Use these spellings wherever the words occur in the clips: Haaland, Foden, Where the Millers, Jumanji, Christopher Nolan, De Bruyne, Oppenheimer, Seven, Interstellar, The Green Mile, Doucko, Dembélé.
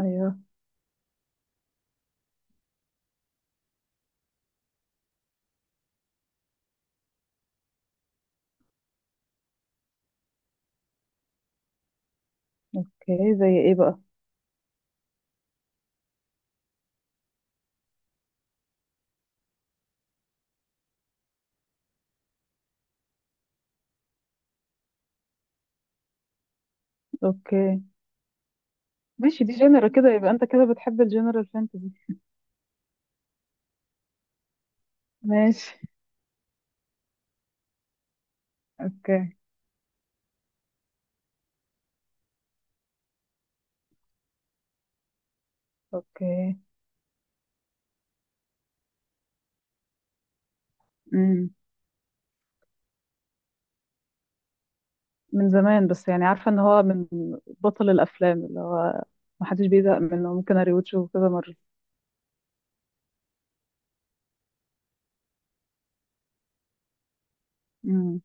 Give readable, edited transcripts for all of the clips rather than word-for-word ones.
ايوه. اوكي، زي ايه بقى؟ اوكي ماشي، دي جنرا كده، يبقى انت كده بتحب الجنرال فانتزي. ماشي. اوكي. اوكي. امم. من زمان، بس يعني عارفه ان هو من بطل الافلام اللي هو ما حدش بيزهق منه، ممكن اريوتشه كذا مره. امم.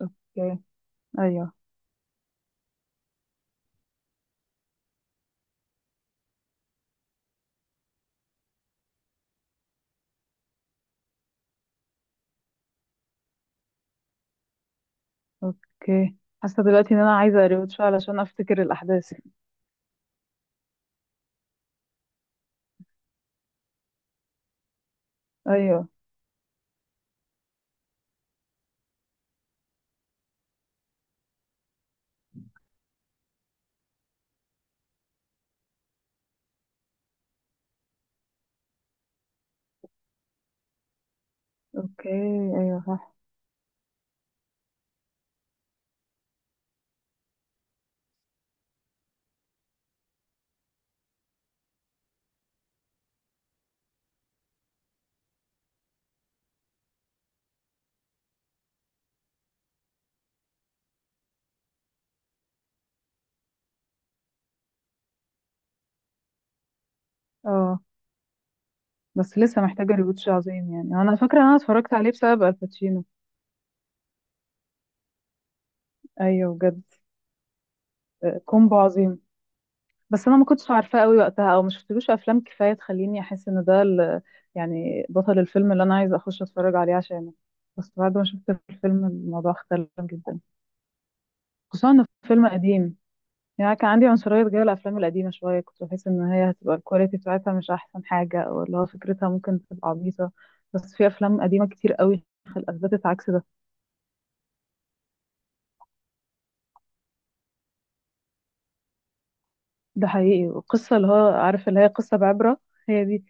اوكي. ايوه. اوكي. حاسه دلوقتي ان انا عايزه اريوتشه علشان افتكر الاحداث. ايوه. اوكي. ايوه صح. اه بس لسه محتاجه ريوتش عظيم، يعني انا فاكره ان انا اتفرجت عليه بسبب الباتشينو. ايوه بجد. كومبو عظيم. بس انا ما كنتش عارفاه قوي وقتها، او ما شفتلوش افلام كفايه تخليني احس ان ده يعني بطل الفيلم اللي انا عايزه اخش اتفرج عليه عشانه. بس بعد ما شفت الفيلم الموضوع اختلف جدا، خصوصا انه فيلم قديم. يعني كان عندي عنصريه تجاه الافلام القديمه شويه، كنت بحس ان هي هتبقى الكواليتي بتاعتها مش احسن حاجه، او اللي هو فكرتها ممكن تبقى عبيطه. بس في افلام قديمه كتير قوي اثبتت عكس ده. ده حقيقي، والقصه اللي هو عارف اللي هي قصه بعبره هي دي.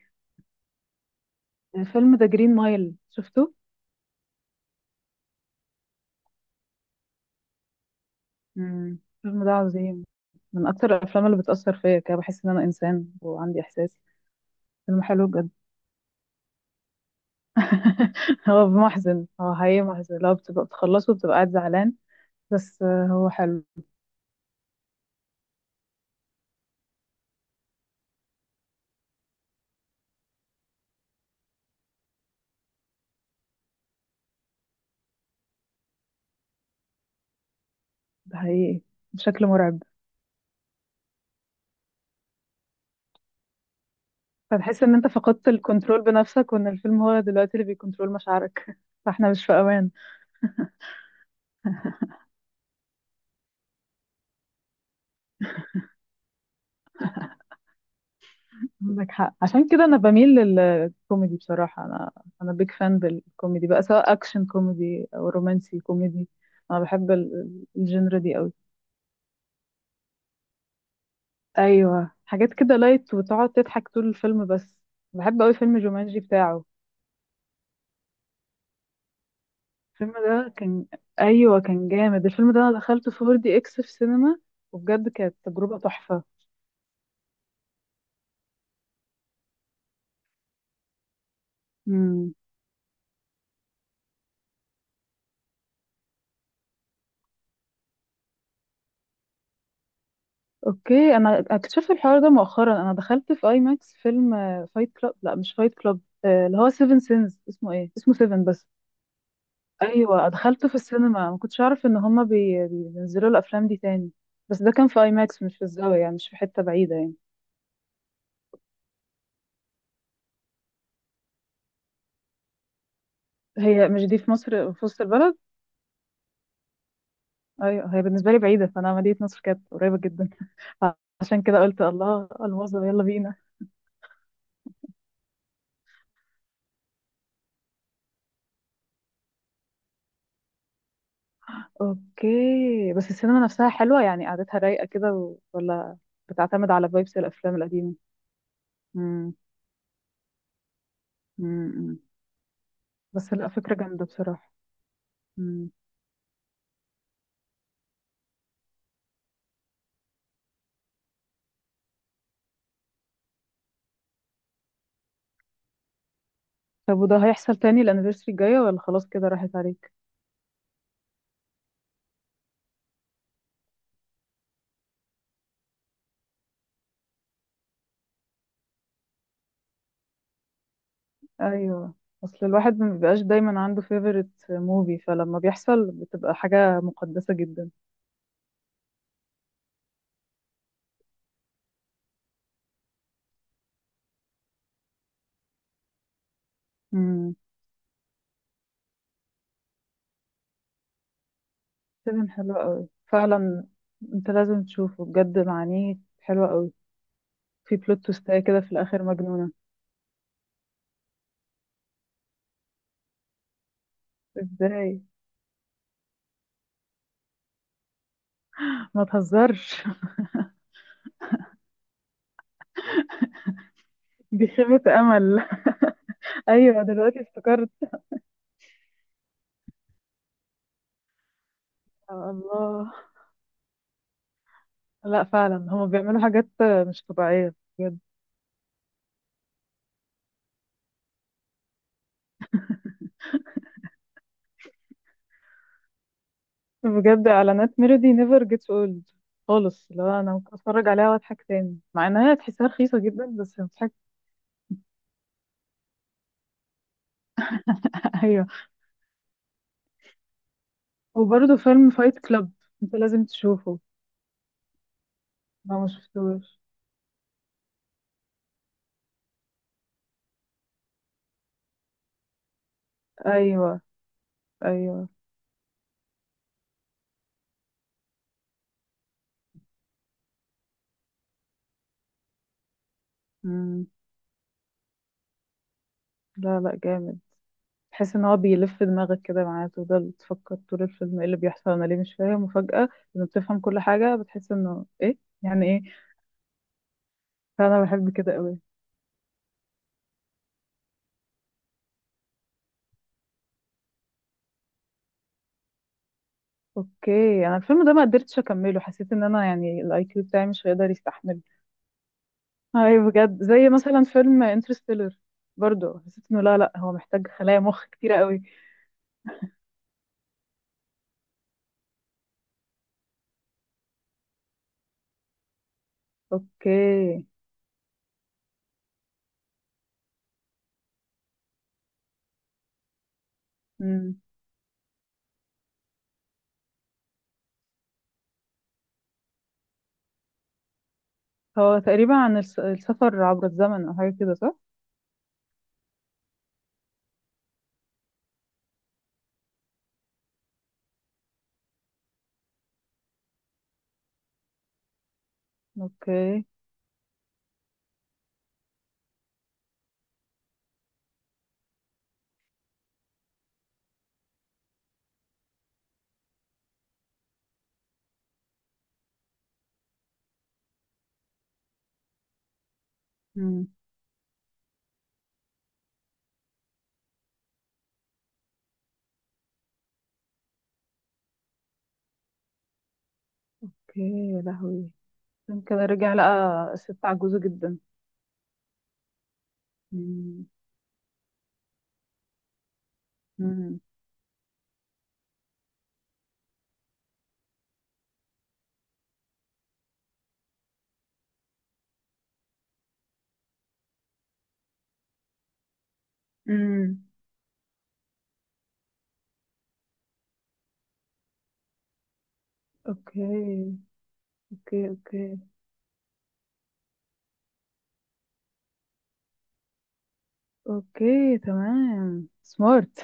فيلم ذا جرين مايل شفته؟ امم. الفيلم ده عظيم، من اكتر الافلام اللي بتاثر فيا كده، بحس ان انا انسان وعندي احساس. فيلم حلو بجد. هو محزن، هو حقيقي محزن، لو بتبقى بتخلصه وبتبقى قاعد زعلان. بس هو حلو. ده حقيقي، بشكل مرعب. فتحس ان انت فقدت الكنترول بنفسك، وان الفيلم هو دلوقتي اللي بيكنترول مشاعرك. فاحنا مش في امان. عندك حق، عشان كده انا بميل للكوميدي بصراحه. انا بيج فان بالكوميدي بقى، سواء اكشن كوميدي او رومانسي كوميدي. انا بحب الجنرا دي قوي. ايوه حاجات كده لايت وتقعد تضحك طول الفيلم بس. بحب قوي فيلم جومانجي بتاعه. الفيلم ده كان. ايوه كان جامد الفيلم ده، انا دخلته 4DX في سينما، وبجد كانت تجربة تحفة. امم. اوكي. انا اكتشفت الحوار ده مؤخرا، انا دخلت في اي ماكس فيلم فايت كلاب، لا مش فايت كلاب، اللي هو سيفن سينز، اسمه ايه، اسمه سيفن بس. ايوه دخلته في السينما، ما كنتش اعرف ان هما بينزلوا الافلام دي تاني. بس ده كان في اي ماكس، مش في الزاوية يعني، مش في حتة بعيدة يعني. هي مش دي في مصر في وسط البلد؟ ايوه هي بالنسبه لي بعيده، فانا مدينه نصر كانت قريبه جدا. عشان كده قلت الله الموظف يلا بينا. اوكي بس السينما نفسها حلوه يعني، قعدتها رايقه كده ولا بتعتمد على فايبس الافلام القديمه؟ امم. امم. بس لا، فكره جامده بصراحه. امم. طب وده هيحصل تاني الانيفرساري الجايه، ولا خلاص كده راحت عليك؟ ايوه. اصل الواحد ما بيبقاش دايما عنده فيفورت موفي، فلما بيحصل بتبقى حاجه مقدسه جدا. فيلم حلو قوي فعلا. انت لازم تشوفه بجد، معانيه حلوة قوي. في بلوت تويستاية كده في الاخر مجنونة. ازاي؟ ما تهزرش. دي خيبة امل. ايوه دلوقتي افتكرت. يا الله. لا فعلا هما بيعملوا حاجات مش طبيعية، بجد. بجد اعلانات ميلودي نيفر جيتس اولد خالص، لو انا ممكن اتفرج عليها واضحك تاني، مع انها تحسها رخيصة جدا بس بتضحك. ايوه. وبرضه فيلم فايت كلاب، انت لازم تشوفه لو ما شفتوش. ايوه. ايوه. مم. لا لا جامد، تحس ان هو بيلف دماغك كده معاه، تفضل تفكر طول الفيلم ايه اللي بيحصل انا ليه مش فاهم، وفجأة لما بتفهم كل حاجة بتحس انه ايه، يعني ايه. فانا بحب كده قوي. اوكي انا الفيلم ده ما قدرتش اكمله، حسيت ان انا يعني الاي كيو بتاعي مش هيقدر يستحمل. اي بجد، زي مثلا فيلم انترستيلر، برضو حسيت انه لا لا هو محتاج خلايا مخ كتيرة قوي. اوكي. مم. هو تقريبا عن السفر عبر الزمن او حاجة كده، صح؟ اوكي. مم. اوكي. يا لهوي. يمكن رجع لقى الست عجوزة جدا. مم. مم. مم. اوكي. اوكي. اوكي. اوكي تمام سمارت.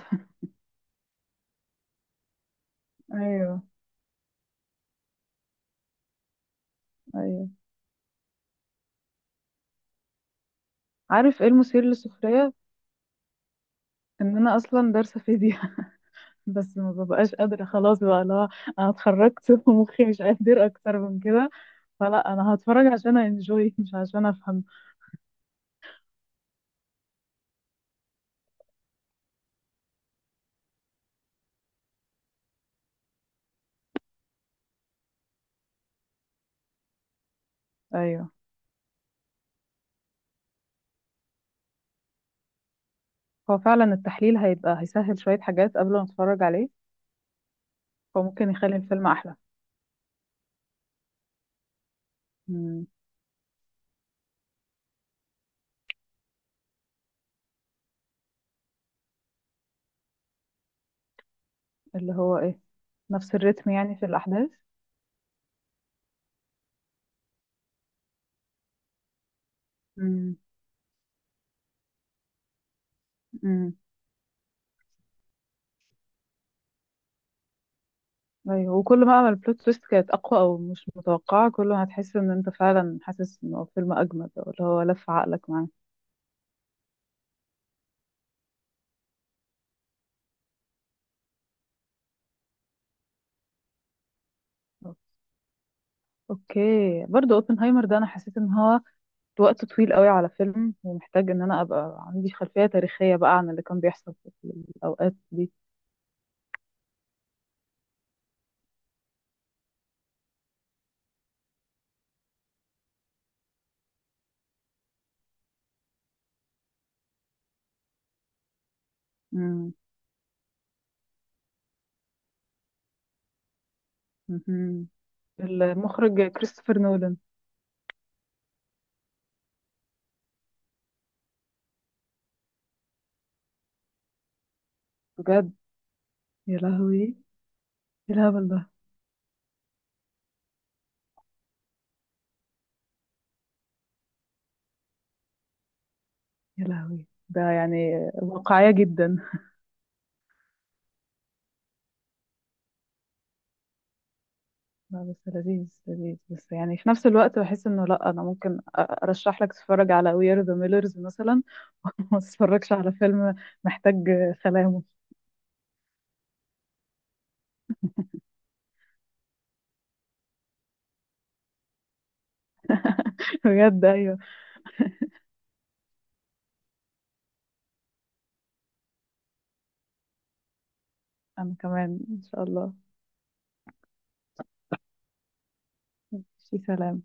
ايوه. ايوه. عارف ايه المثير للسخرية؟ ان انا اصلا دارسة فيزياء. بس ما ببقاش قادرة خلاص بقى لا، انا اتخرجت. ومخي مش قادر اكتر من كده، فلا انا هتفرج عشان انجوي مش عشان افهم. ايوه هو فعلا التحليل هيبقى هيسهل شوية حاجات قبل ما اتفرج عليه. فممكن يخلي الفيلم احلى. اللي هو ايه؟ نفس الريتم يعني في الاحداث؟ امم. امم. ايوه، وكل ما عمل البلوت تويست كانت اقوى او مش متوقعه، كل ما هتحس ان انت فعلا حاسس ان هو فيلم اجمد، او اللي هو لف عقلك معاه. اوكي. برضو اوبنهايمر ده انا حسيت ان هو وقت طويل قوي على فيلم، ومحتاج ان انا ابقى عندي خلفيه تاريخيه بقى عن اللي كان بيحصل في الاوقات دي. امم. مهم. المخرج كريستوفر نولان. بجد؟ يا لهوي ايه الهبل ده. يا لهوي ده يعني واقعية جدا. لا بس لذيذ لذيذ، بس يعني في نفس الوقت بحس انه لا، انا ممكن ارشح لك تتفرج على وير ذا ميلرز مثلا. وما تتفرجش على فيلم محتاج سلامه. بجد ايوه. انا كمان ان شاء الله. في سلام.